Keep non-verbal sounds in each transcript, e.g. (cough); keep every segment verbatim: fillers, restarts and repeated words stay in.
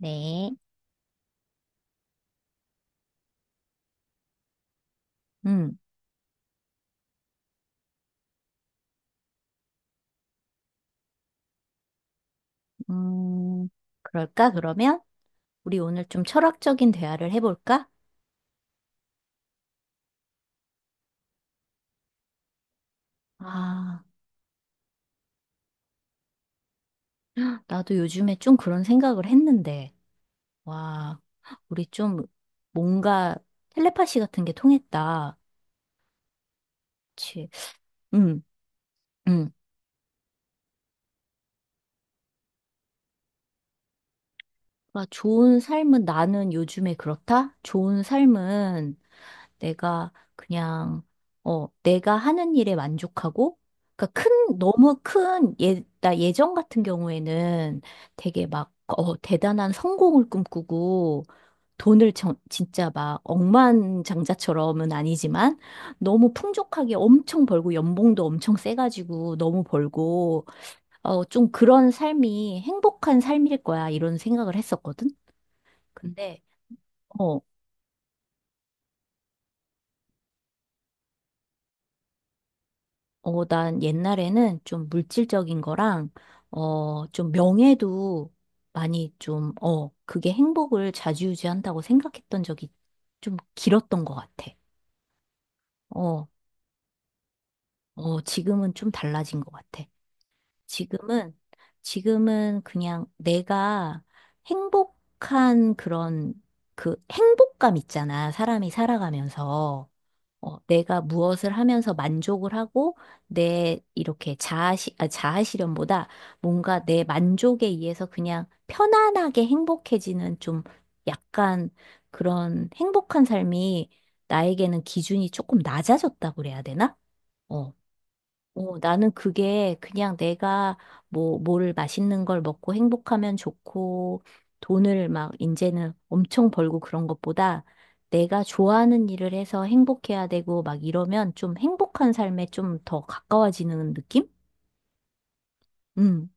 네. 음, 음, 그럴까, 그러면? 우리 오늘 좀 철학적인 대화를 해볼까? 아, 나도 요즘에 좀 그런 생각을 했는데, 와, 우리 좀 뭔가 텔레파시 같은 게 통했다. 그치. 음, 음. 그러니까 좋은 삶은 나는 요즘에 그렇다? 좋은 삶은 내가 그냥, 어, 내가 하는 일에 만족하고, 그러니까 큰, 너무 큰, 예, 나 예전 같은 경우에는 되게 막, 어, 대단한 성공을 꿈꾸고, 돈을 정- 진짜 막 억만장자처럼은 아니지만 너무 풍족하게 엄청 벌고 연봉도 엄청 세가지고 너무 벌고 어, 좀 그런 삶이 행복한 삶일 거야 이런 생각을 했었거든. 근데 어, 어, 난 옛날에는 좀 물질적인 거랑, 어, 좀 명예도 많이 좀, 어, 그게 행복을 좌지우지한다고 생각했던 적이 좀 길었던 것 같아. 어, 어, 지금은 좀 달라진 것 같아. 지금은, 지금은 그냥 내가 행복한 그런 그 행복감 있잖아. 사람이 살아가면서. 어, 내가 무엇을 하면서 만족을 하고 내 이렇게 자아시, 아, 자아실현보다 뭔가 내 만족에 의해서 그냥 편안하게 행복해지는 좀 약간 그런 행복한 삶이 나에게는 기준이 조금 낮아졌다고 그래야 되나? 어. 어, 나는 그게 그냥 내가 뭐, 뭘 맛있는 걸 먹고 행복하면 좋고, 돈을 막 이제는 엄청 벌고 그런 것보다 내가 좋아하는 일을 해서 행복해야 되고 막 이러면 좀 행복한 삶에 좀 더 가까워지는 느낌? 음,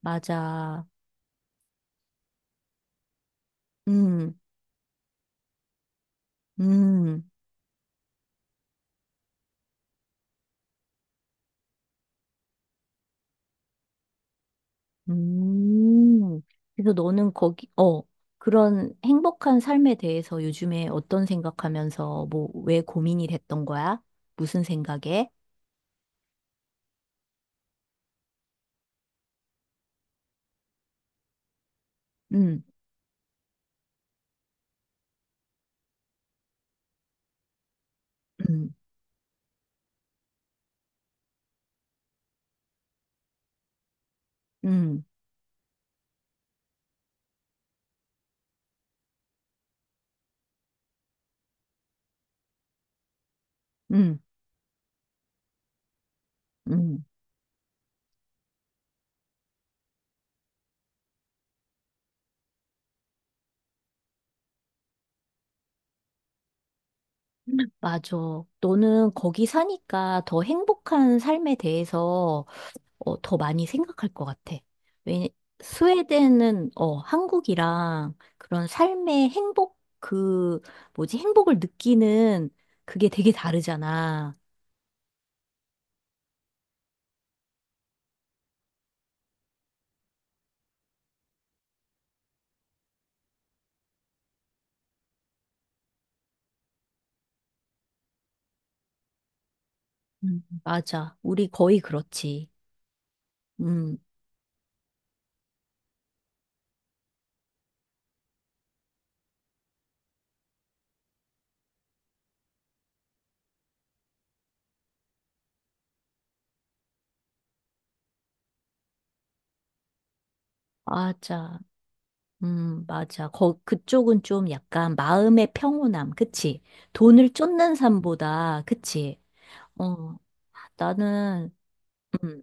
맞아. 음, 음, 음. 그래서 너는 거기, 어, 그런 행복한 삶에 대해서 요즘에 어떤 생각하면서 뭐, 왜 고민이 됐던 거야? 무슨 생각에? 음, 음, 음, 음, 음. 맞아. 너는 거기 사니까 더 행복한 삶에 대해서 어, 더 많이 생각할 것 같아. 왜, 스웨덴은 어, 한국이랑 그런 삶의 행복, 그, 뭐지, 행복을 느끼는 그게 되게 다르잖아. 음, 맞아. 우리 거의 그렇지. 음, 맞아. 음, 맞아. 거, 그쪽은 좀 약간 마음의 평온함, 그치? 돈을 쫓는 삶보다, 그치? 어, 나는, 음,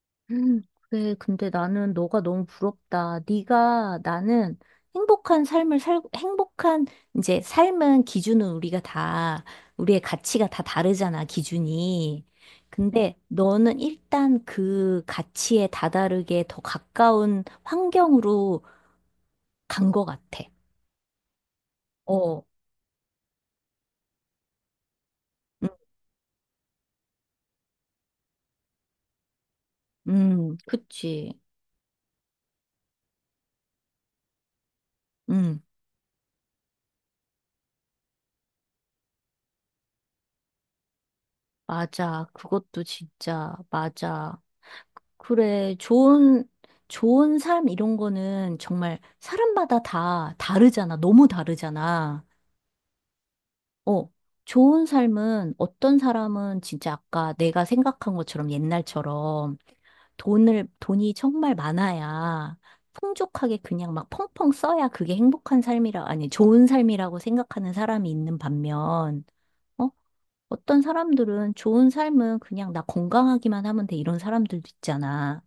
(clears throat) 음, 그래, 근데 나는 너가 너무 부럽다. 네가, 나는 행복한 삶을 살, 행복한, 이제 삶은 기준은 우리가 다, 우리의 가치가 다 다르잖아, 기준이. 근데 너는 일단 그 가치에 다다르게 더 가까운 환경으로 간 것 같아. 어. 음, 그치. 음, 맞아. 그것도 진짜, 맞아. 그래, 좋은, 좋은 삶 이런 거는 정말 사람마다 다 다르잖아. 너무 다르잖아. 어, 좋은 삶은 어떤 사람은 진짜 아까 내가 생각한 것처럼 옛날처럼 돈을, 돈이 정말 많아야 풍족하게 그냥 막 펑펑 써야 그게 행복한 삶이라, 아니, 좋은 삶이라고 생각하는 사람이 있는 반면, 어? 어떤 사람들은 좋은 삶은 그냥 나 건강하기만 하면 돼. 이런 사람들도 있잖아.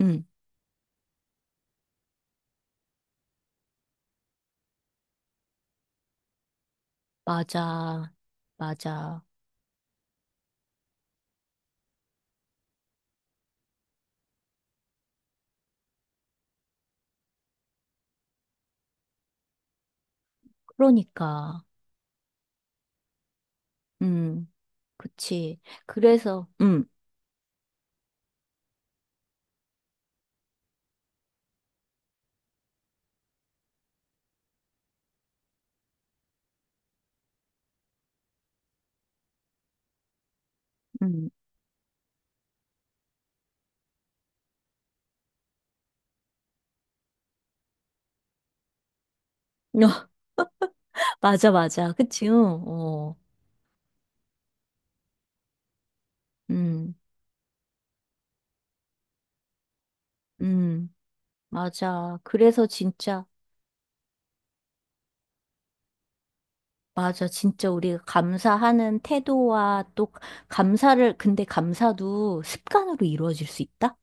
응, 맞아. 맞아. 그러니까. 응, 그치. 그래서, 응, 응. (laughs) 맞아, 맞아. 그치, 응, 어. 응, 응. 맞아. 그래서 진짜, 맞아. 진짜 우리가 감사하는 태도와 또 감사를, 근데 감사도 습관으로 이루어질 수 있다?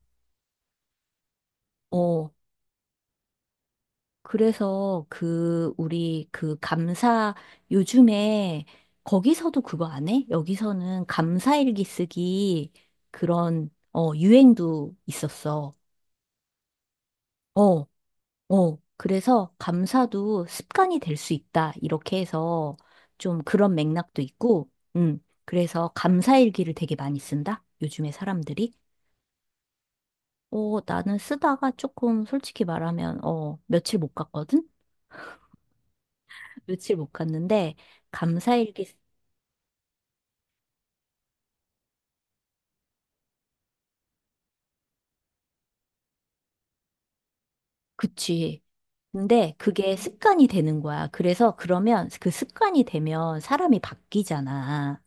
어. 그래서 그 우리 그 감사 요즘에 거기서도 그거 안 해? 여기서는 감사일기 쓰기 그런 어 유행도 있었어. 어, 어. 그래서 감사도 습관이 될 수 있다. 이렇게 해서 좀 그런 맥락도 있고. 음. 그래서 감사일기를 되게 많이 쓴다. 요즘에 사람들이. 어, 나는 쓰다가 조금 솔직히 말하면 어, 며칠 못 갔거든? (laughs) 며칠 못 갔는데 감사일기 그치. 근데 그게 습관이 되는 거야. 그래서 그러면 그 습관이 되면 사람이 바뀌잖아.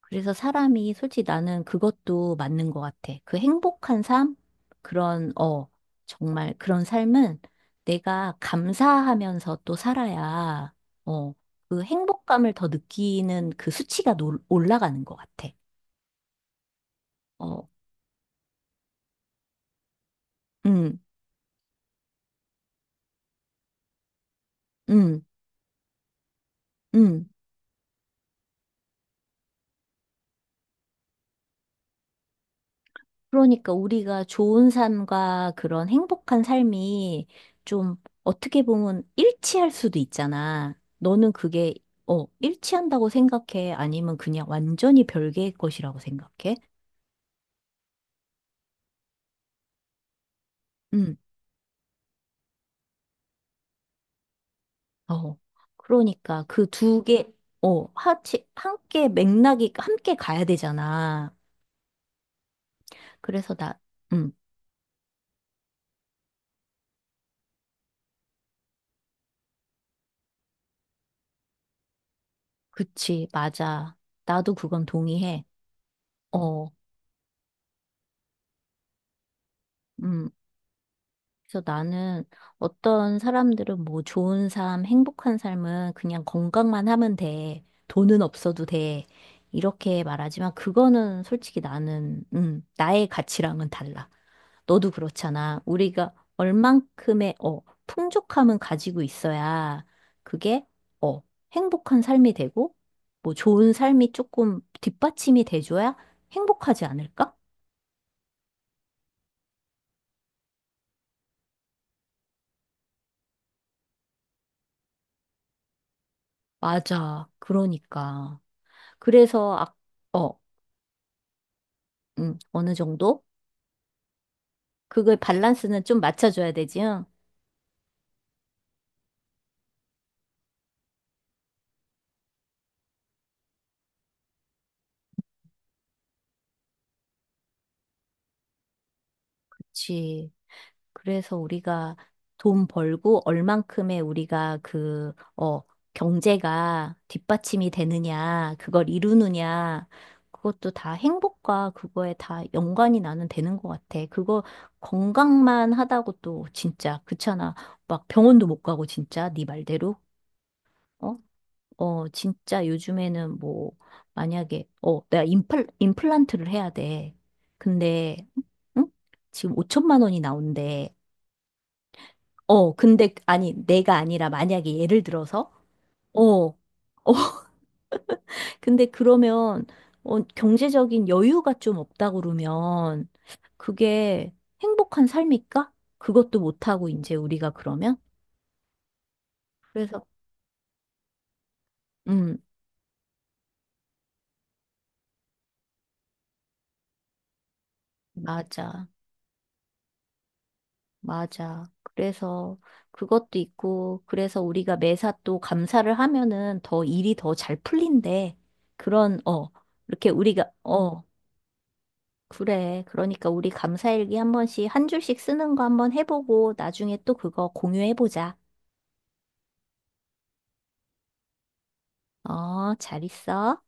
그래서 사람이 솔직히 나는 그것도 맞는 것 같아. 그 행복한 삶? 그런, 어, 정말 그런 삶은 내가 감사하면서 또 살아야, 어, 그 행복감을 더 느끼는 그 수치가 놀- 올라가는 것 같아. 어, 음, 음, 음. 그러니까 우리가 좋은 삶과 그런 행복한 삶이 좀 어떻게 보면 일치할 수도 있잖아. 너는 그게, 어, 일치한다고 생각해? 아니면 그냥 완전히 별개의 것이라고 생각해? 음, 어. 그러니까 그 두 개, 어, 하치, 함께 맥락이 함께 가야 되잖아. 그래서 나, 음, 그치, 맞아. 나도 그건 동의해. 어, 음. 그래서 나는 어떤 사람들은 뭐 좋은 삶, 행복한 삶은 그냥 건강만 하면 돼. 돈은 없어도 돼. 이렇게 말하지만 그거는 솔직히 나는, 음, 나의 가치랑은 달라. 너도 그렇잖아. 우리가 얼만큼의, 어, 풍족함은 가지고 있어야 그게, 어, 행복한 삶이 되고, 뭐 좋은 삶이 조금 뒷받침이 돼줘야 행복하지 않을까? 맞아. 그러니까. 그래서, 아, 어. 음, 어느 정도? 그걸 밸런스는 좀 맞춰줘야 되지, 요 그치. 그래서 우리가 돈 벌고 얼만큼의 우리가 그, 어, 경제가 뒷받침이 되느냐, 그걸 이루느냐, 그것도 다 행복과 그거에 다 연관이 나는 되는 것 같아. 그거 건강만 하다고 또 진짜 그렇잖아. 막 병원도 못 가고 진짜 네 말대로. 어? 어, 진짜 요즘에는 뭐, 만약에, 어, 내가 임플, 임플란트를 해야 돼. 근데, 응? 지금 오천만 원이 나온대. 어, 근데, 아니, 내가 아니라 만약에 예를 들어서, 어, 어, (laughs) 근데 그러면, 어, 경제적인 여유가 좀 없다 그러면, 그게 행복한 삶일까? 그것도 못하고, 이제 우리가 그러면? 그래서, 음, 맞아. 맞아. 그래서 그것도 있고, 그래서 우리가 매사 또 감사를 하면은 더 일이 더 잘 풀린대. 그런, 어, 이렇게 우리가, 어, 그래. 그러니까 우리 감사일기 한 번씩, 한 줄씩 쓰는 거 한번 해보고, 나중에 또 그거 공유해보자. 어, 잘 있어.